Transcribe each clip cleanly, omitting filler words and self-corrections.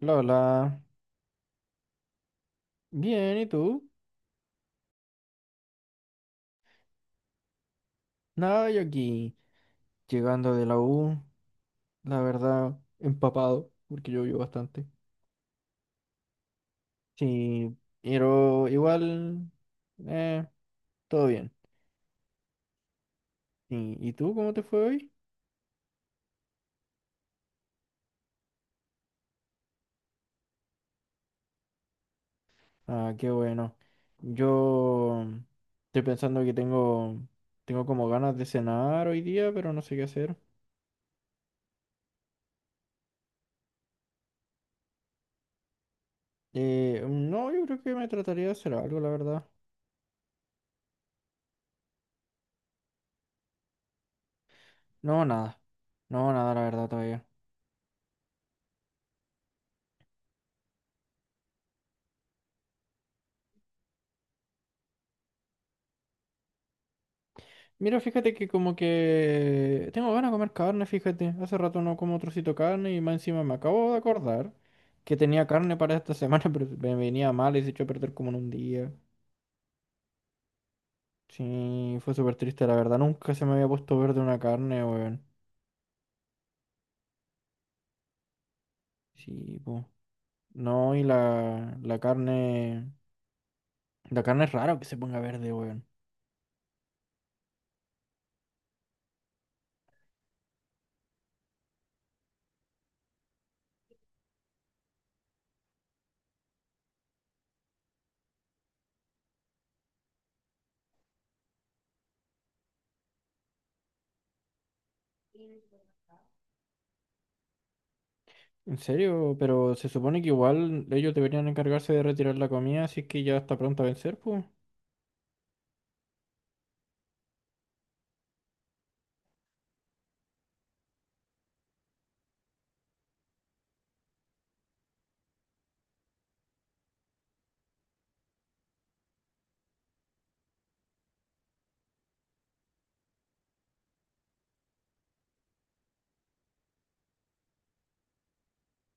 Lola, bien, ¿y tú? Nada, yo aquí, llegando de la U, la verdad, empapado, porque llovió bastante. Sí, pero igual, eh, todo bien. ¿Y tú cómo te fue hoy? Ah, qué bueno. Yo mm, estoy pensando que tengo como ganas de cenar hoy día, pero no sé qué hacer. No, yo creo que me trataría de hacer algo, la verdad. No, nada. No, nada, la verdad, todavía. Mira, fíjate que como que tengo ganas de comer carne, fíjate. Hace rato no como trocito de carne y más encima me acabo de acordar que tenía carne para esta semana, pero me venía mal y se echó a perder como en un día. Sí, fue súper triste, la verdad. Nunca se me había puesto verde una carne, weón. Sí, pues. No, y la carne... La carne es raro que se ponga verde, weón. En serio, pero se supone que igual ellos deberían encargarse de retirar la comida si es que ya está pronta a vencer, pues.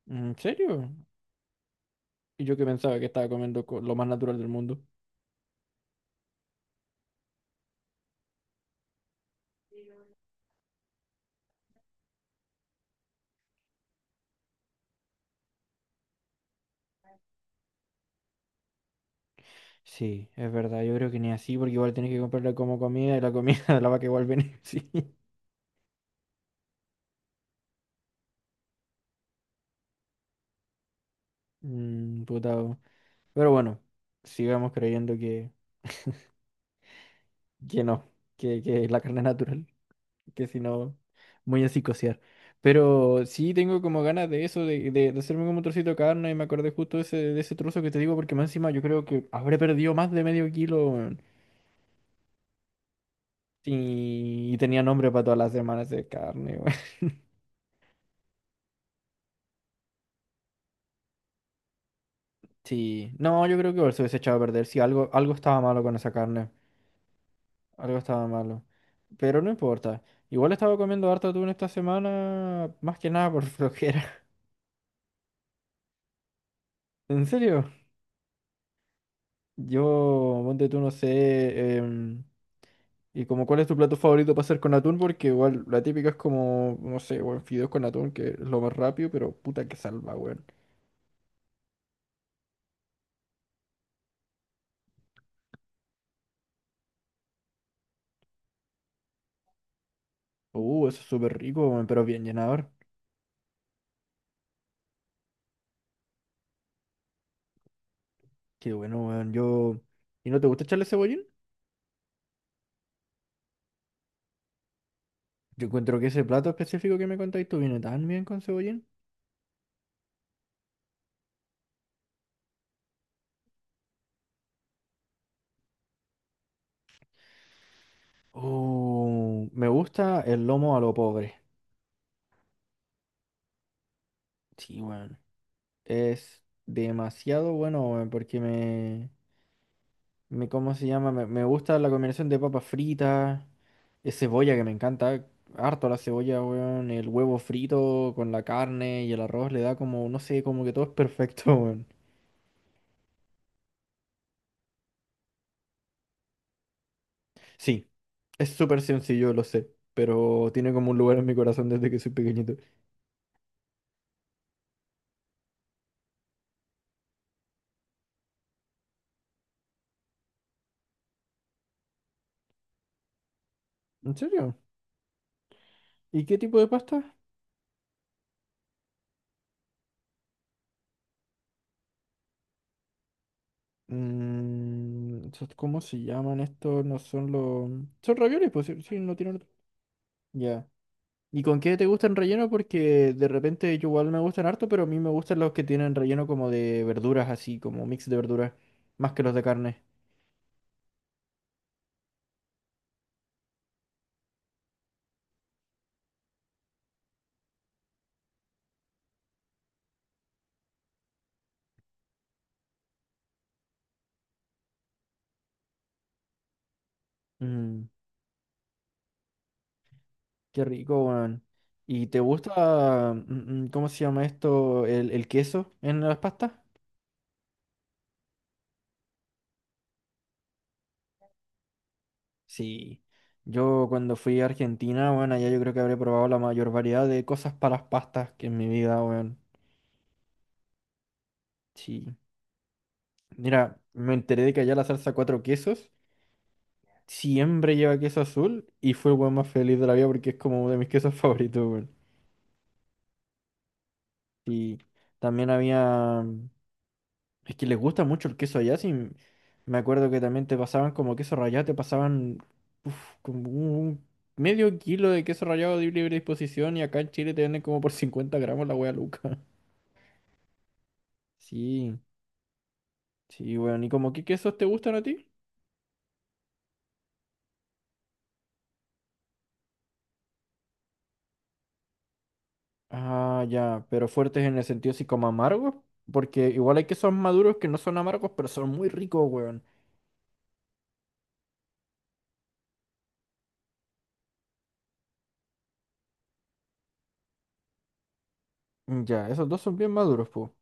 ¿En serio? Y yo que pensaba que estaba comiendo lo más natural del mundo. Sí, es verdad, yo creo que ni así, porque igual tenés que comprarla como comida y la comida de la vaca igual viene sí. Mm, putado. Pero bueno, sigamos creyendo que no, que la carne es natural, que si no, muy así cociar. Pero sí tengo como ganas de eso, de hacerme como un trocito de carne y me acordé justo de ese trozo que te digo, porque más encima yo creo que habré perdido más de medio kilo, weón. Y tenía nombre para todas las semanas de carne. Sí, no, yo creo que igual se hubiese echado a perder. Sí, algo estaba malo con esa carne. Algo estaba malo. Pero no importa. Igual estaba comiendo harto atún esta semana, más que nada por flojera. ¿En serio? Yo, ponte tú, no sé. Y como, ¿cuál es tu plato favorito para hacer con atún? Porque igual la típica es como, no sé, weón, fideos con atún, que es lo más rápido, pero puta que salva, weón. Eso es súper rico, weón, pero bien llenador. Qué bueno, weón. Yo. ¿Y no te gusta echarle cebollín? Yo encuentro que ese plato específico que me contáis tú viene tan bien con cebollín. Oh, me gusta el lomo a lo pobre. Sí, bueno. Es demasiado bueno, weón, ¿cómo se llama? Me gusta la combinación de papas fritas, de cebolla que me encanta, harto la cebolla, weón, el huevo frito con la carne y el arroz le da como, no sé, como que todo es perfecto, weón. Sí, es súper sencillo, lo sé, pero tiene como un lugar en mi corazón desde que soy pequeñito. ¿En serio? ¿Y qué tipo de pasta? Mm, ¿cómo se llaman estos? No son los... Son ravioles, pues sí, sí, no tienen otro. Ya. ¿Y con qué te gustan relleno? Porque de repente yo igual me gustan harto, pero a mí me gustan los que tienen relleno como de verduras, así como mix de verduras, más que los de carne. Mm, qué rico, weón. ¿Y te gusta, cómo se llama esto, el queso en las pastas? Sí, yo cuando fui a Argentina, bueno, allá yo creo que habré probado la mayor variedad de cosas para las pastas que en mi vida, bueno, sí. Mira, me enteré de que allá la salsa cuatro quesos siempre lleva queso azul y fue el weón más feliz de la vida porque es como de mis quesos favoritos, weón. Y también había. Es que les gusta mucho el queso allá, sí. Me acuerdo que también te pasaban como queso rallado, te pasaban uf, como un medio kilo de queso rallado de libre disposición y acá en Chile te venden como por 50 gramos la wea Luca. Sí, sí, weón. ¿Y como qué quesos te gustan a ti? Ah, ya, pero fuertes en el sentido así como amargos, porque igual hay quesos maduros que no son amargos, pero son muy ricos, weón. Mm, ya, esos dos son bien maduros, po.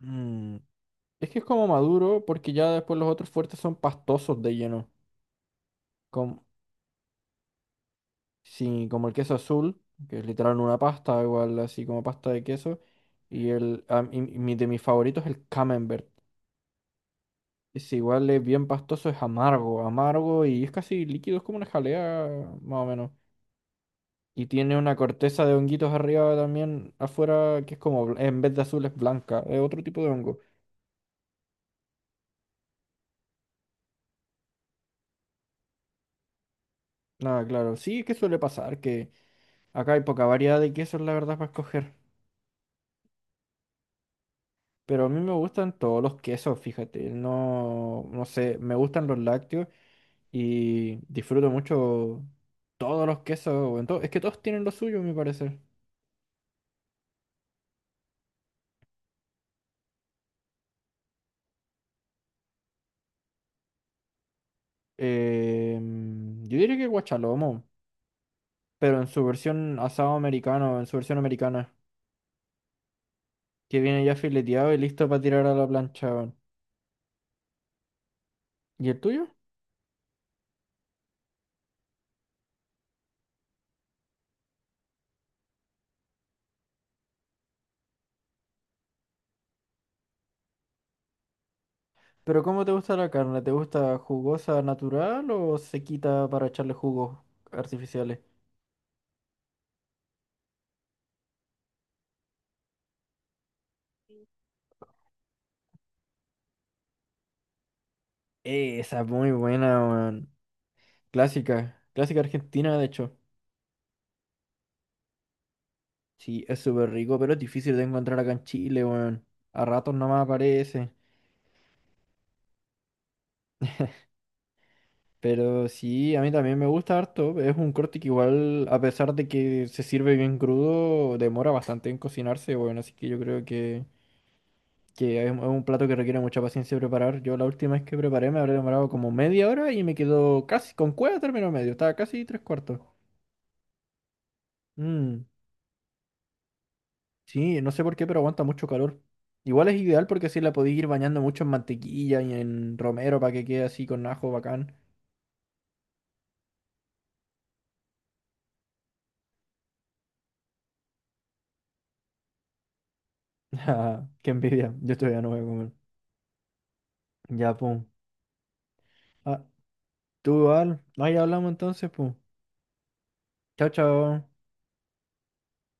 Mm, es que es como maduro porque ya después los otros fuertes son pastosos de lleno. Sí, como el queso azul, que es literal una pasta, igual así como pasta de queso. Y el de mis favoritos es el camembert. Es igual, es bien pastoso, es amargo, amargo y es casi líquido, es como una jalea más o menos. Y tiene una corteza de honguitos arriba también, afuera, que es como, en vez de azul es blanca, es otro tipo de hongo. Nada, claro, sí, es que suele pasar, que acá hay poca variedad de quesos, la verdad, para escoger. Pero a mí me gustan todos los quesos, fíjate. No, no sé, me gustan los lácteos y disfruto mucho todos los quesos. O en es que todos tienen lo suyo, me parece. Em, yo diría que guachalomo, pero en su versión asado americano, en su versión americana, que viene ya fileteado y listo para tirar a la plancha. Weón. ¿Y el tuyo? ¿Pero cómo te gusta la carne? ¿Te gusta jugosa natural o sequita para echarle jugos artificiales? Esa es muy buena. Clásica, clásica argentina, de hecho. Sí, es súper rico, pero es difícil de encontrar acá en Chile, weón. A ratos nomás aparece. Pero sí, a mí también me gusta harto. Es un corte que igual, a pesar de que se sirve bien crudo, demora bastante en cocinarse, weón. Así que yo creo que es un plato que requiere mucha paciencia preparar. Yo la última vez que preparé me habré demorado como media hora y me quedó casi, con cueva término medio, estaba casi tres cuartos. Mm. Sí, no sé por qué, pero aguanta mucho calor. Igual es ideal porque así la podéis ir bañando mucho en mantequilla y en romero para que quede así con ajo bacán. Ah, qué envidia. Yo todavía no voy a comer. Ya, pum. Ah, tú igual. Ahí hablamos entonces, pum. Chao, chao.